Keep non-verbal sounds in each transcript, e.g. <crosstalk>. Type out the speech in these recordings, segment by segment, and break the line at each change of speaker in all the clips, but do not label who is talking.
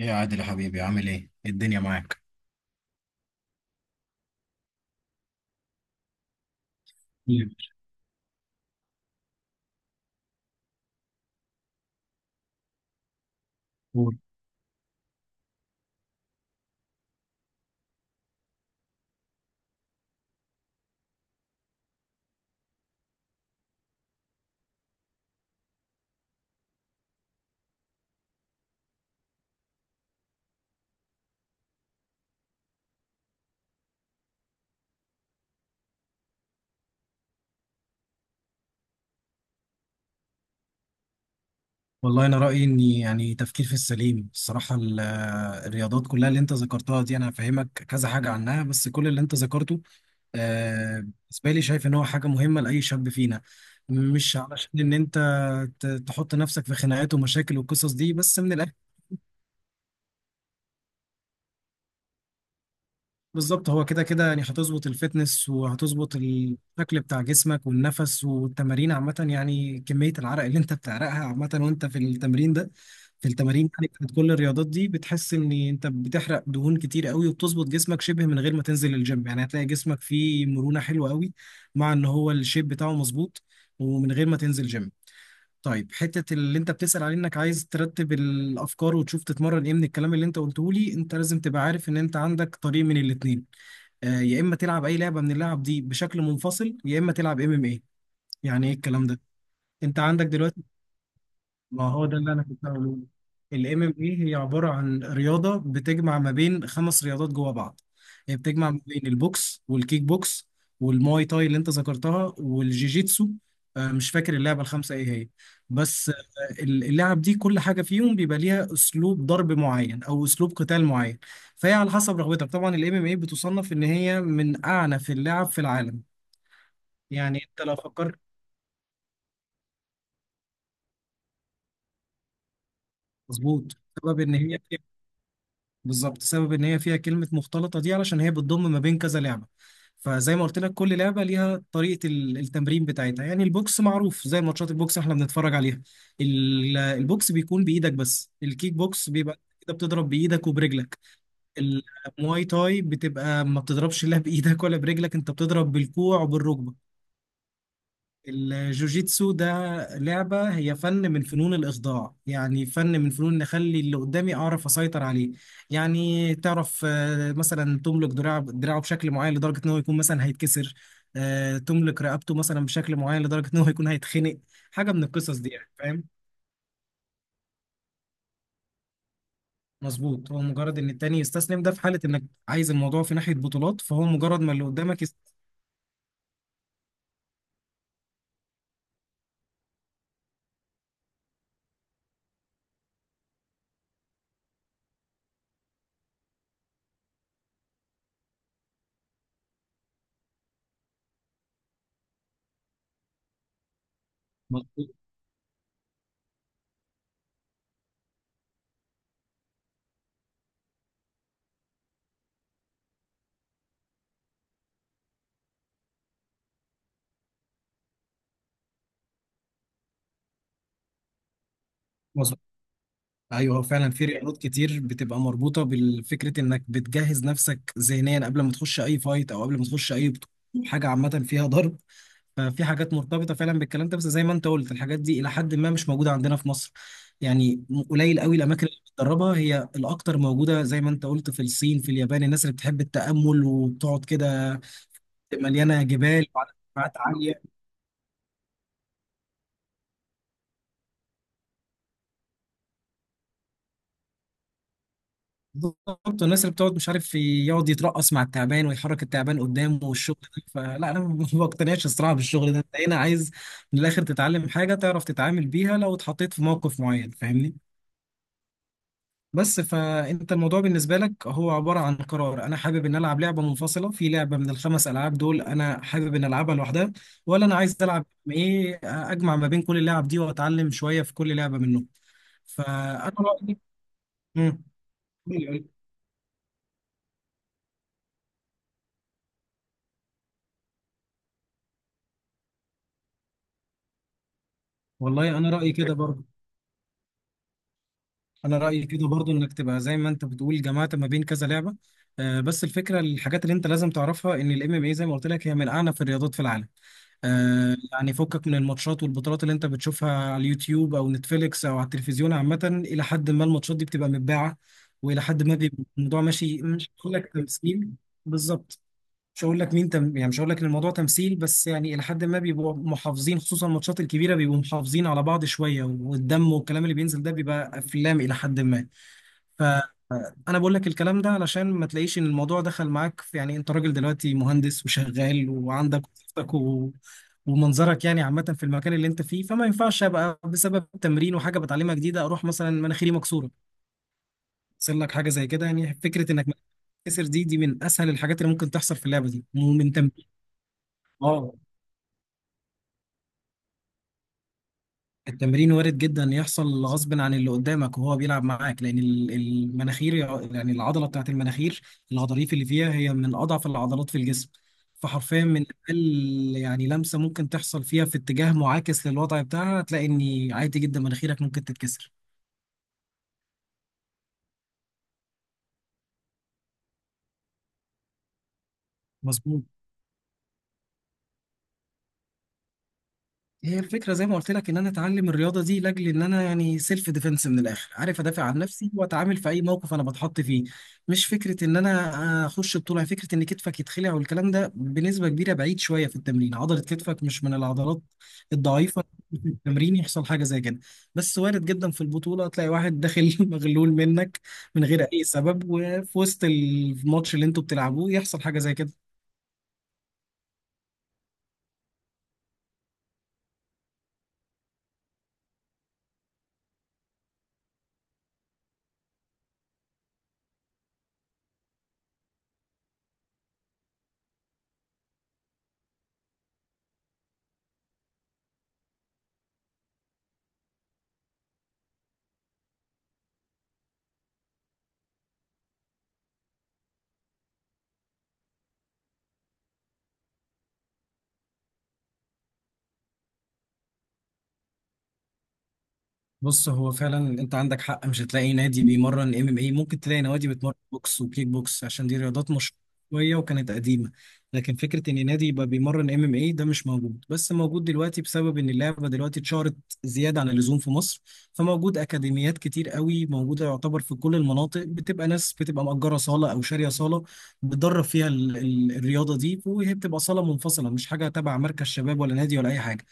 ايه يا عادل يا حبيبي؟ عامل ايه؟ إيه الدنيا معاك؟ طيب، قول. والله انا رايي ان يعني تفكير في السليم الصراحه الرياضات كلها اللي انت ذكرتها دي انا هفهمك كذا حاجه عنها. بس كل اللي انت ذكرته آه، بالنسبه لي شايف ان هو حاجه مهمه لاي شاب فينا. مش علشان ان انت تحط نفسك في خناقات ومشاكل والقصص دي، بس من الاخر بالظبط هو كده كده، يعني هتظبط الفتنس وهتظبط الشكل بتاع جسمك والنفس والتمارين عامة. يعني كمية العرق اللي انت بتعرقها عامة وانت في التمرين ده، في التمارين يعني بتاعت كل الرياضات دي، بتحس ان انت بتحرق دهون كتير قوي وبتظبط جسمك شبه من غير ما تنزل الجيم. يعني هتلاقي جسمك فيه مرونة حلوة قوي، مع ان هو الشيب بتاعه مظبوط ومن غير ما تنزل جيم. طيب حتة اللي انت بتسأل عليه انك عايز ترتب الافكار وتشوف تتمرن ايه، من الكلام اللي انت قلته لي انت لازم تبقى عارف ان انت عندك طريق من الاتنين. آه، يا اما تلعب اي لعبه من اللعب دي بشكل منفصل، يا اما تلعب ام ام اي. يعني ايه الكلام ده؟ انت عندك دلوقتي، ما هو ده اللي انا كنت هقوله، الام ام اي هي عباره عن رياضه بتجمع ما بين خمس رياضات جوه بعض. هي بتجمع ما بين البوكس والكيك بوكس والماي تاي اللي انت ذكرتها والجيجيتسو. آه، مش فاكر اللعبه الخمسه ايه هي، بس آه، اللعب دي كل حاجه فيهم بيبقى ليها اسلوب ضرب معين او اسلوب قتال معين. فهي على حسب رغبتك. طبعا الام ام اي بتصنف ان هي من اعنف اللعب في العالم. يعني انت لو فكرت، مظبوط، بسبب ان هي، بالظبط سبب ان هي فيها كلمة مختلطة دي علشان هي بتضم ما بين كذا لعبة. فزي ما قلت لك كل لعبة ليها طريقة التمرين بتاعتها. يعني البوكس معروف، زي ماتشات البوكس احنا بنتفرج عليها، البوكس بيكون بإيدك بس، الكيك بوكس بيبقى كده بتضرب بإيدك وبرجلك. المواي تاي بتبقى ما بتضربش لا بإيدك ولا برجلك، انت بتضرب بالكوع وبالركبة. الجوجيتسو ده لعبة هي فن من فنون الإخضاع. يعني فن من فنون إن أخلي اللي قدامي أعرف أسيطر عليه. يعني تعرف آه، مثلا تملك دراع دراعه بشكل معين لدرجة إن هو يكون مثلا هيتكسر. آه، تملك رقبته مثلا بشكل معين لدرجة إن هو يكون هيتخنق. حاجة من القصص دي يعني فاهم. مظبوط، هو مجرد إن التاني يستسلم ده في حالة إنك عايز الموضوع في ناحية بطولات، فهو مجرد ما اللي قدامك مظبوط. ايوه هو فعلا في رياضات كتير بتبقى مربوطه بالفكره انك بتجهز نفسك ذهنيا قبل ما تخش اي فايت او قبل ما تخش اي حاجه عامه فيها ضرب. ففي حاجات مرتبطه فعلا بالكلام ده، بس زي ما انت قلت الحاجات دي الى حد ما مش موجوده عندنا في مصر. يعني قليل قوي الاماكن اللي بتدربها. هي الاكتر موجوده زي ما انت قلت في الصين، في اليابان، الناس اللي بتحب التامل وبتقعد كده، مليانه جبال وعلى ارتفاعات عاليه. بالظبط الناس اللي بتقعد مش عارف يقعد يترقص مع التعبان ويحرك التعبان قدامه والشغل ده، فلا انا <laughs> ما بقتنعش الصراحه بالشغل ده. انت هنا عايز من الاخر تتعلم حاجه تعرف تتعامل بيها لو اتحطيت في موقف معين، فاهمني. بس فانت الموضوع بالنسبه لك هو عباره عن قرار: انا حابب ان العب لعبه منفصله، في لعبه من الخمس العاب دول انا حابب ان العبها لوحدها، ولا انا عايز العب ايه، اجمع ما بين كل اللعب دي واتعلم شويه في كل لعبه منهم. فانا رايي، مم. والله انا رايي كده برضه، انا رايي كده برضو انك تبقى زي ما انت بتقول جمعت ما بين كذا لعبه. آه، بس الفكره، الحاجات اللي انت لازم تعرفها ان الام ام اي زي ما قلت لك هي من اعنف الرياضات في العالم. آه، يعني فكك من الماتشات والبطولات اللي انت بتشوفها على اليوتيوب او نتفليكس او على التلفزيون عامه. الى حد ما الماتشات دي بتبقى متباعه، والى حد ما بيبقى الموضوع ماشي، مش هقول لك تمثيل بالظبط، مش هقول لك مين يعني مش هقول لك ان الموضوع تمثيل، بس يعني الى حد ما بيبقوا محافظين، خصوصا الماتشات الكبيره بيبقوا محافظين على بعض شويه، والدم والكلام اللي بينزل ده بيبقى افلام الى حد ما. فانا بقول لك الكلام ده علشان ما تلاقيش ان الموضوع دخل معاك في، يعني انت راجل دلوقتي مهندس وشغال وعندك وظيفتك ومنظرك يعني عامه في المكان اللي انت فيه، فما ينفعش ابقى بسبب تمرين وحاجه بتعلمها جديده اروح مثلا مناخيري مكسوره. يحصل لك حاجه زي كده. يعني فكره انك مناخيرك تتكسر دي من اسهل الحاجات اللي ممكن تحصل في اللعبه دي ومن تمرين. اه التمرين وارد جدا يحصل غصب عن اللي قدامك وهو بيلعب معاك، لان المناخير، يعني العضله بتاعت المناخير، الغضاريف اللي فيها هي من اضعف العضلات في الجسم. فحرفيا من اقل يعني لمسه ممكن تحصل فيها في اتجاه معاكس للوضع بتاعها، هتلاقي ان عادي جدا مناخيرك ممكن تتكسر. مظبوط. هي الفكرة زي ما قلت لك إن أنا أتعلم الرياضة دي لأجل إن أنا يعني سيلف ديفenس من الآخر، عارف أدافع عن نفسي وأتعامل في أي موقف أنا بتحط فيه، مش فكرة إن أنا أخش بطولة. فكرة إن كتفك يتخلع والكلام ده بنسبة كبيرة بعيد شوية في التمرين، عضلة كتفك مش من العضلات الضعيفة. في التمرين يحصل حاجة زي كده، بس وارد جدا في البطولة تلاقي واحد داخل <laughs> مغلول منك من غير أي سبب، وفي وسط الماتش اللي أنتوا بتلعبوه يحصل حاجة زي كده. بص هو فعلا انت عندك حق، مش هتلاقي نادي بيمرن ام ام اي. ممكن تلاقي نوادي بتمرن بوكس وكيك بوكس عشان دي رياضات مشهوره شويه وكانت قديمه. لكن فكره ان نادي يبقى بيمرن ام ام اي ده مش موجود، بس موجود دلوقتي بسبب ان اللعبه دلوقتي اتشهرت زياده عن اللزوم في مصر. فموجود اكاديميات كتير قوي موجوده، يعتبر في كل المناطق بتبقى ناس بتبقى مأجره صاله او شاريه صاله بتدرب فيها ال الرياضه دي، وهي بتبقى صاله منفصله مش حاجه تبع مركز شباب ولا نادي ولا اي حاجه.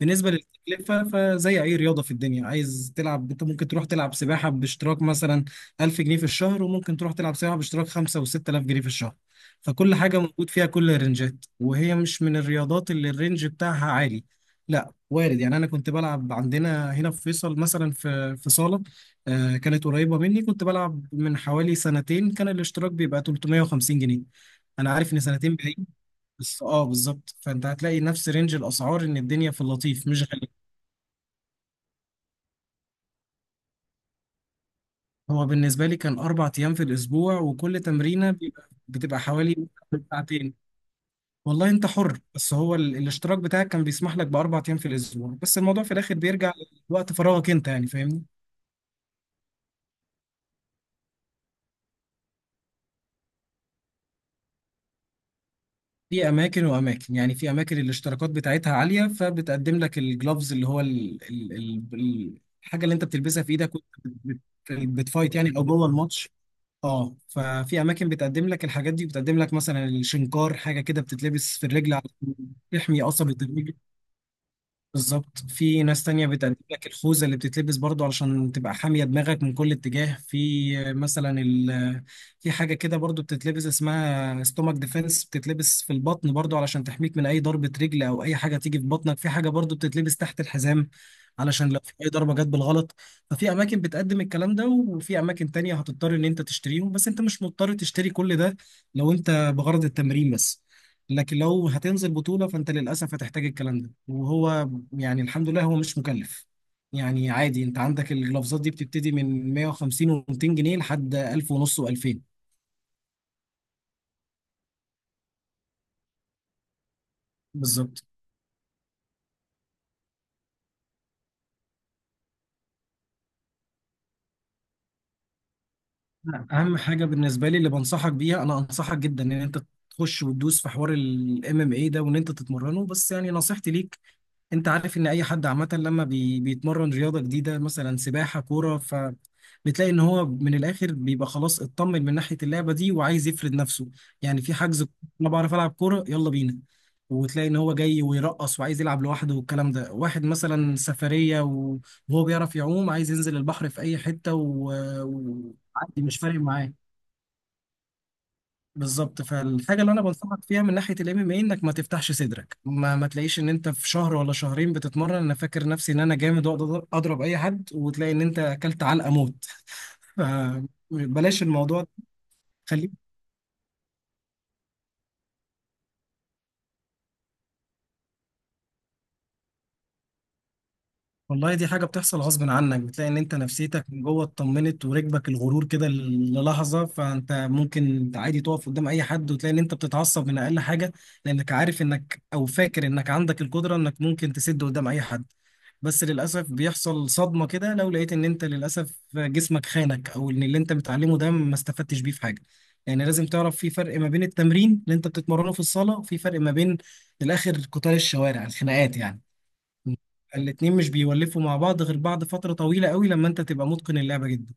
بالنسبة للتكلفة فزي أي رياضة في الدنيا، عايز تلعب، أنت ممكن تروح تلعب سباحة باشتراك مثلا 1000 جنيه في الشهر، وممكن تروح تلعب سباحة باشتراك 5 و6000 جنيه في الشهر. فكل حاجة موجود فيها كل الرنجات، وهي مش من الرياضات اللي الرنج بتاعها عالي. لا وارد، يعني أنا كنت بلعب عندنا هنا في فيصل مثلا في صالة آه، كانت قريبة مني. كنت بلعب من حوالي سنتين، كان الاشتراك بيبقى 350 جنيه. أنا عارف إن سنتين بعيد، بس أه بالظبط، فأنت هتلاقي نفس رينج الأسعار إن الدنيا في اللطيف مش غالية. هو بالنسبة لي كان أربع أيام في الأسبوع، وكل تمرينة بيبقى بتبقى حوالي ساعتين. والله أنت حر، بس هو الاشتراك بتاعك كان بيسمح لك بأربع أيام في الأسبوع، بس الموضوع في الآخر بيرجع لوقت فراغك أنت يعني، فاهمني. في أماكن وأماكن، يعني في أماكن الاشتراكات بتاعتها عالية، فبتقدم لك الجلوفز اللي هو الحاجة اللي أنت بتلبسها في إيدك وأنت بتفايت يعني أو جوه الماتش. اه ففي اماكن بتقدم لك الحاجات دي، بتقدم لك مثلا الشنكار، حاجه كده بتتلبس في الرجل على، تحمي قصبة الرجل. بالظبط. في ناس تانية بتقدم لك الخوذة اللي بتتلبس برضو علشان تبقى حامية دماغك من كل اتجاه. في مثلا في حاجة كده برضو بتتلبس اسمها ستومك ديفense، بتتلبس في البطن برضو علشان تحميك من أي ضربة رجل أو أي حاجة تيجي في بطنك. في حاجة برضو بتتلبس تحت الحزام علشان لو في أي ضربة جت بالغلط. ففي أماكن بتقدم الكلام ده، وفي أماكن تانية هتضطر إن أنت تشتريهم. بس أنت مش مضطر تشتري كل ده لو أنت بغرض التمرين بس، لكن لو هتنزل بطولة فأنت للأسف هتحتاج الكلام ده. وهو يعني الحمد لله هو مش مكلف، يعني عادي انت عندك الجلافزات دي بتبتدي من 150 و200 جنيه لحد 1000 ونص و2000. بالظبط. لا، اهم حاجه بالنسبه لي اللي بنصحك بيها، انا انصحك جدا ان انت تخش وتدوس في حوار الام ام اي ده، وان انت تتمرنه. بس يعني نصيحتي ليك، انت عارف ان اي حد عامه لما بيتمرن رياضه جديده مثلا سباحه كوره، ف بتلاقي ان هو من الاخر بيبقى خلاص اطمن من ناحيه اللعبه دي وعايز يفرد نفسه. يعني في حجز: انا بعرف العب كوره يلا بينا، وتلاقي ان هو جاي ويرقص وعايز يلعب لوحده والكلام ده. واحد مثلا سفريه وهو بيعرف يعوم عايز ينزل البحر في اي حته وعادي مش فارق معاه. بالظبط، فالحاجه اللي انا بنصحك فيها من ناحيه الام ام اي انك ما تفتحش صدرك، ما تلاقيش ان انت في شهر ولا شهرين بتتمرن انا فاكر نفسي ان انا جامد واقدر اضرب اي حد، وتلاقي ان انت اكلت علقه موت. <laughs> فبلاش الموضوع ده. خليك. والله دي حاجة بتحصل غصب عنك، بتلاقي ان انت نفسيتك من جوه اتطمنت وركبك الغرور كده للحظة، فانت ممكن عادي تقف قدام اي حد وتلاقي ان انت بتتعصب من اقل حاجة، لانك عارف انك او فاكر انك عندك القدرة انك ممكن تسد قدام اي حد. بس للأسف بيحصل صدمة كده لو لقيت ان انت للأسف جسمك خانك، او ان اللي انت متعلمه ده ما استفدتش بيه في حاجة. يعني لازم تعرف في فرق ما بين التمرين اللي انت بتتمرنه في الصالة وفي فرق ما بين، الاخر قتال الشوارع، الخناقات يعني. الاتنين مش بيولفوا مع بعض غير بعد فترة طويلة قوي لما انت تبقى متقن اللعبة جدا.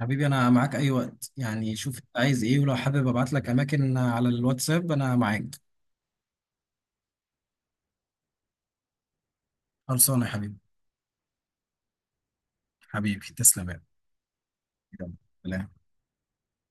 حبيبي انا معاك اي وقت، يعني شوف انت عايز ايه، ولو حابب ابعت لك اماكن على الواتساب انا معاك. خلصانة يا حبيبي. حبيبي تسلم يا حبيبي. يلا.